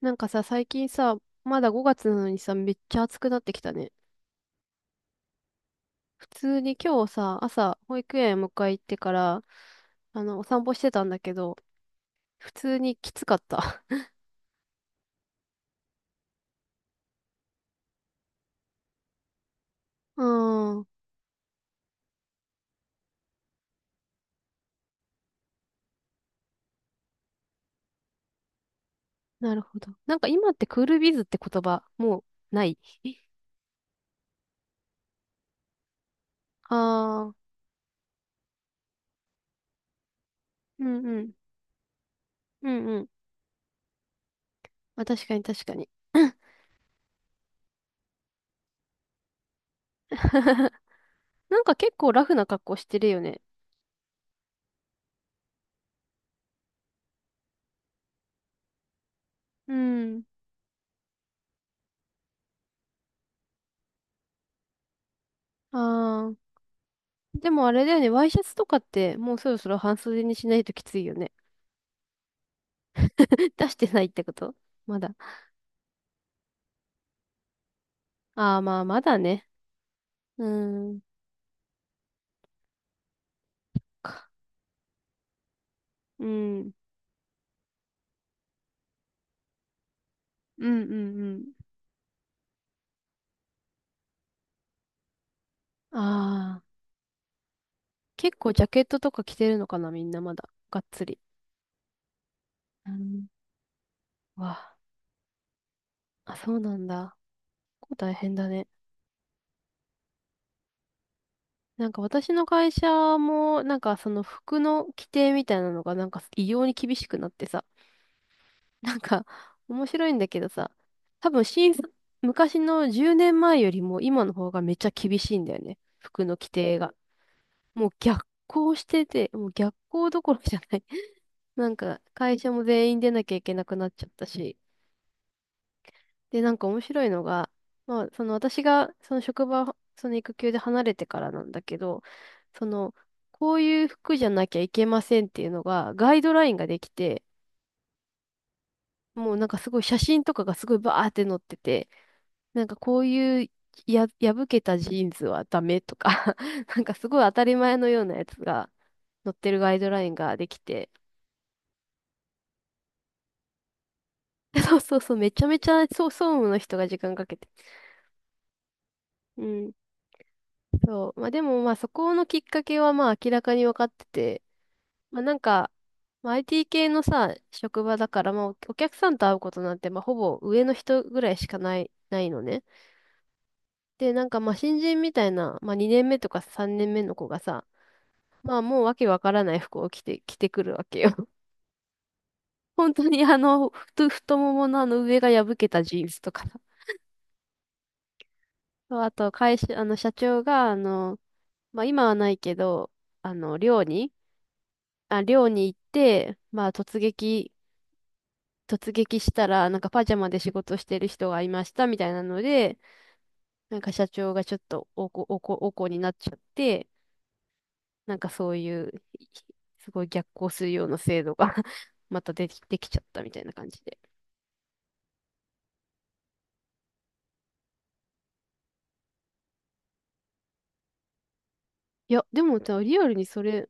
なんかさ、最近さ、まだ5月なのにさ、めっちゃ暑くなってきたね。普通に今日さ、朝、保育園迎え行ってから、お散歩してたんだけど、普通にきつかった。うーん、なるほど。なんか今ってクールビズって言葉、もうない。ああ、うんうん、うんうん。あ、確かに確かに。なんか結構ラフな格好してるよね。うん。ああ、でもあれだよね、ワイシャツとかってもうそろそろ半袖にしないときついよね。出してないってことまだ。ああ、まあ、まだね。うーん。かうん。うんうんうん。ああ、結構ジャケットとか着てるのかな、みんなまだ。がっつり。うん。わあ、あ、そうなんだ。こう大変だね。なんか私の会社も、なんかその服の規定みたいなのが、なんか異様に厳しくなってさ。なんか、面白いんだけどさ。多分新卒、昔の10年前よりも今の方がめっちゃ厳しいんだよね。服の規定が。もう逆行してて、もう逆行どころじゃない。なんか、会社も全員出なきゃいけなくなっちゃったし。で、なんか面白いのが、まあ、その私が、その職場、その育休で離れてからなんだけど、その、こういう服じゃなきゃいけませんっていうのが、ガイドラインができて、もうなんかすごい写真とかがすごいバーって載ってて、なんかこういうや、破けたジーンズはダメとか なんかすごい当たり前のようなやつが載ってるガイドラインができて、そうそうそう、めちゃめちゃ、そう、総務の人が時間かけて。うん。そう。まあでも、まあそこのきっかけはまあ明らかに分かってて、まあなんか、まあ、IT 系のさ、職場だから、まあお客さんと会うことなんて、まあほぼ上の人ぐらいしかない、ないのね。で、なんかまあ新人みたいな、まあ2年目とか3年目の子がさ、まあもうわけわからない服を着て、着てくるわけよ。本当にあの、太もものあの上が破けたジーンズとかさ。そうあと、会社、あの、社長が、あの、まあ今はないけど、あの、寮に、寮に行って、突撃したら、なんかパジャマで仕事してる人がいましたみたいなので、なんか社長がちょっとおこ、おこ、おこになっちゃって、なんかそういう、いすごい逆行するような制度が またでき、できちゃったみたいな感じで。いや、でもさ、リアルにそれ、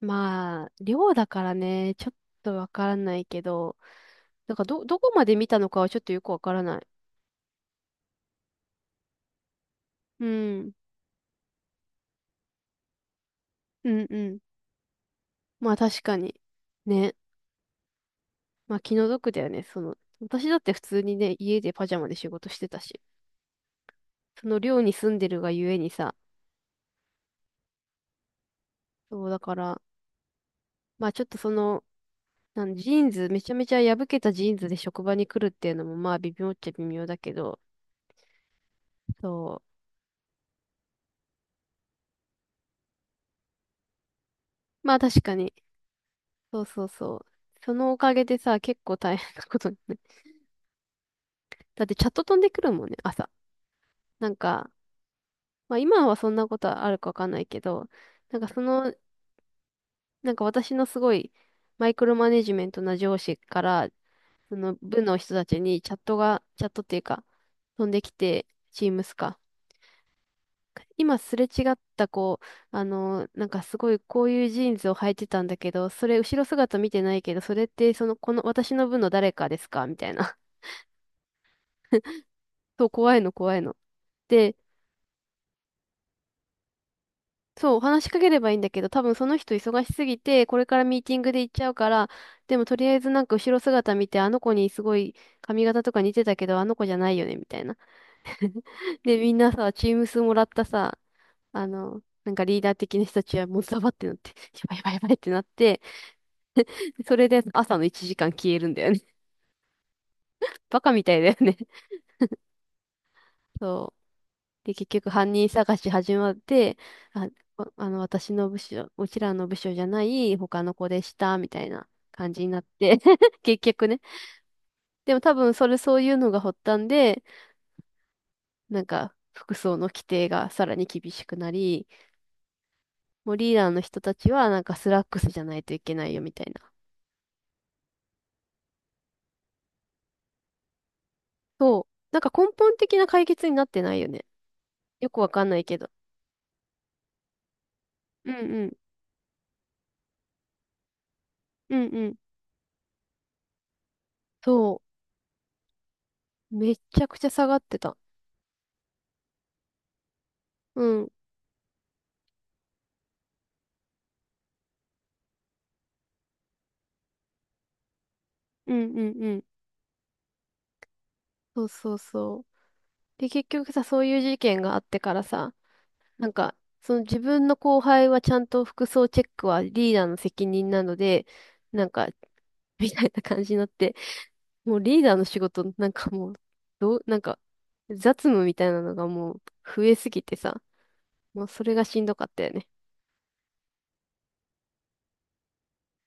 まあ、寮だからね、ちょっとわからないけど、どこまで見たのかはちょっとよくわからない。うん、うん、うん。まあ確かに。ね。まあ気の毒だよね。その、私だって普通にね、家でパジャマで仕事してたし。その寮に住んでるがゆえにさ、そうだから、まあちょっとその、なんジーンズ、めちゃめちゃ破けたジーンズで職場に来るっていうのもまあ微妙っちゃ微妙だけど、そう。まあ確かに。そうそうそう。そのおかげでさ、結構大変なことにね。だってチャット飛んでくるもんね、朝。なんか、まあ今はそんなことあるかわかんないけど、なんかそのなんか私のすごいマイクロマネジメントな上司から、その部の人たちにチャットが、チャットっていうか、飛んできて、チームスか。今すれ違った子、あの、なんかすごいこういうジーンズを履いてたんだけど、それ後ろ姿見てないけど、それってその、この私の部の誰かですかみたいな。そう、怖いの怖いの。でそう、話しかければいいんだけど、多分その人忙しすぎて、これからミーティングで行っちゃうから、でもとりあえずなんか後ろ姿見て、あの子にすごい髪型とか似てたけど、あの子じゃないよね、みたいな。で、みんなさ、チーム数もらったさ、あの、なんかリーダー的な人たちはもうザバってなって、やばいやばいやばいってなって、それで朝の1時間消えるんだよね。バカみたいだよね。そう。で、結局犯人探し始まって、あ、あの、うちらの部署じゃない他の子でした、みたいな感じになって、結局ね。でも多分それそういうのが発端で、なんか服装の規定がさらに厳しくなり、もうリーダーの人たちはなんかスラックスじゃないといけないよ、みたいな。そう。なんか根本的な解決になってないよね。よくわかんないけど。うんうん。うんうん。そう。めっちゃくちゃ下がってた。うん。うんうんうん。そうそうそう。で、結局さ、そういう事件があってからさ、なんか、その自分の後輩はちゃんと服装チェックはリーダーの責任なので、なんか、みたいな感じになって、もうリーダーの仕事、なんかもう、どう、なんか、雑務みたいなのがもう増えすぎてさ、もうそれがしんどかったよね。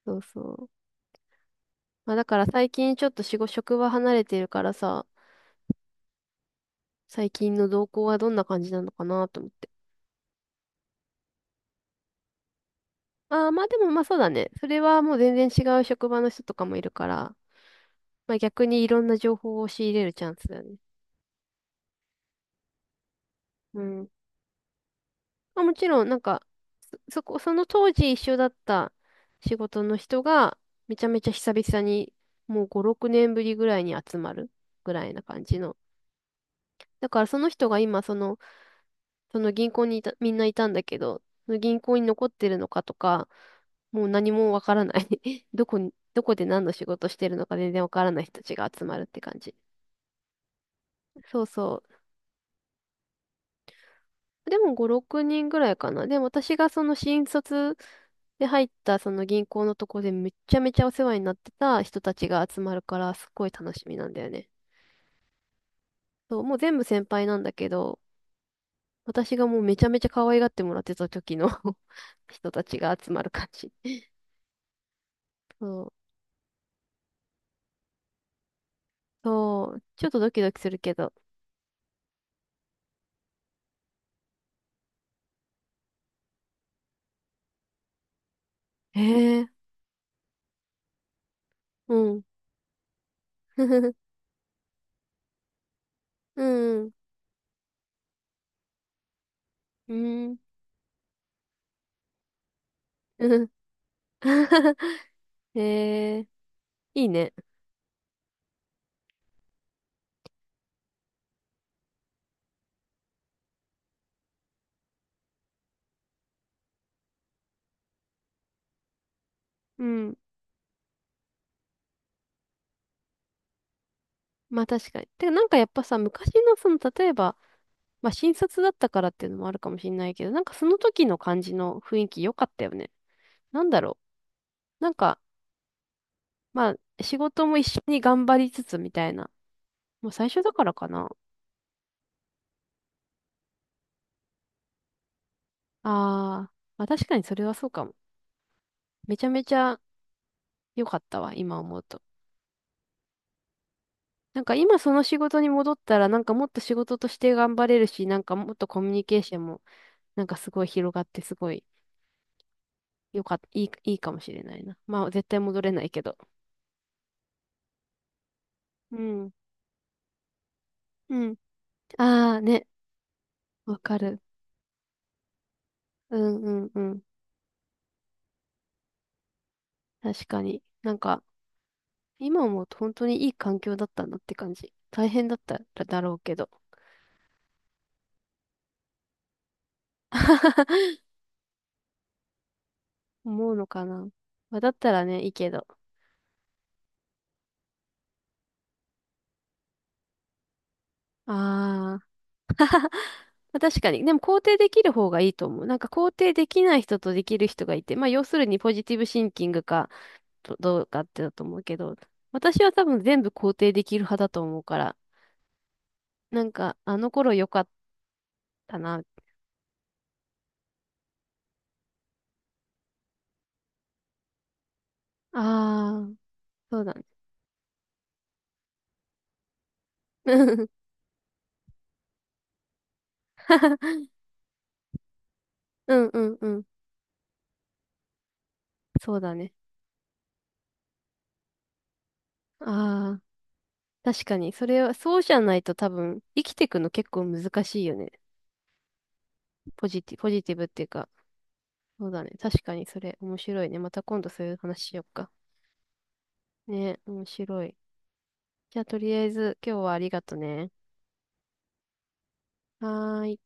そうそう。まあだから最近ちょっと仕事、職場離れてるからさ、最近の動向はどんな感じなのかなと思って。ああ、まあでもまあそうだね。それはもう全然違う職場の人とかもいるから、まあ逆にいろんな情報を仕入れるチャンスだよね。うん。まあもちろん、なんか、その当時一緒だった仕事の人が、めちゃめちゃ久々に、もう5、6年ぶりぐらいに集まるぐらいな感じの。だからその人が今、その、その銀行にいた、みんないたんだけど、その銀行に残ってるのかとか、もう何もわからない どこで何の仕事してるのか全然わからない人たちが集まるって感じ。そうそう。でも5、6人ぐらいかな。でも私がその新卒で入ったその銀行のとこでめっちゃめちゃお世話になってた人たちが集まるからすっごい楽しみなんだよね。そう、もう全部先輩なんだけど、私がもうめちゃめちゃ可愛がってもらってた時の 人たちが集まる感じ。そう、そう、ちょっとドキドキするけど。へえ、うん。うん、うん、うん。へえ、いいね。うん。まあ確かに。てかなんかやっぱさ、昔のその、例えば、まあ新卒だったからっていうのもあるかもしれないけど、なんかその時の感じの雰囲気良かったよね。なんだろう。なんか、まあ仕事も一緒に頑張りつつみたいな。もう最初だからかな。あー、まあ確かにそれはそうかも。めちゃめちゃ良かったわ、今思うと。なんか今その仕事に戻ったら、なんかもっと仕事として頑張れるし、なんかもっとコミュニケーションもなんかすごい広がってすごい良かった、いい、いいかもしれないな。まあ絶対戻れないけど。うん。うん。ああね、わかる。うんうんうん。確かに。なんか、今思うと本当にいい環境だったなって感じ。大変だったらだろうけど。思うのかな。まあ、だったらね、いいけど。ああ。まあ、確かに。でも肯定できる方がいいと思う。なんか肯定できない人とできる人がいて、まあ要するにポジティブシンキングかどうかってだと思うけど、私は多分全部肯定できる派だと思うから、なんかあの頃良かったな。ああ。そうだうん うんうんうん。そうだね。ああ、確かに。それは、そうじゃないと多分、生きていくの結構難しいよね。ポジティブっていうか。そうだね。確かにそれ、面白いね。また今度そういう話しよっか。ね、面白い。じゃあ、とりあえず、今日はありがとね。はーい。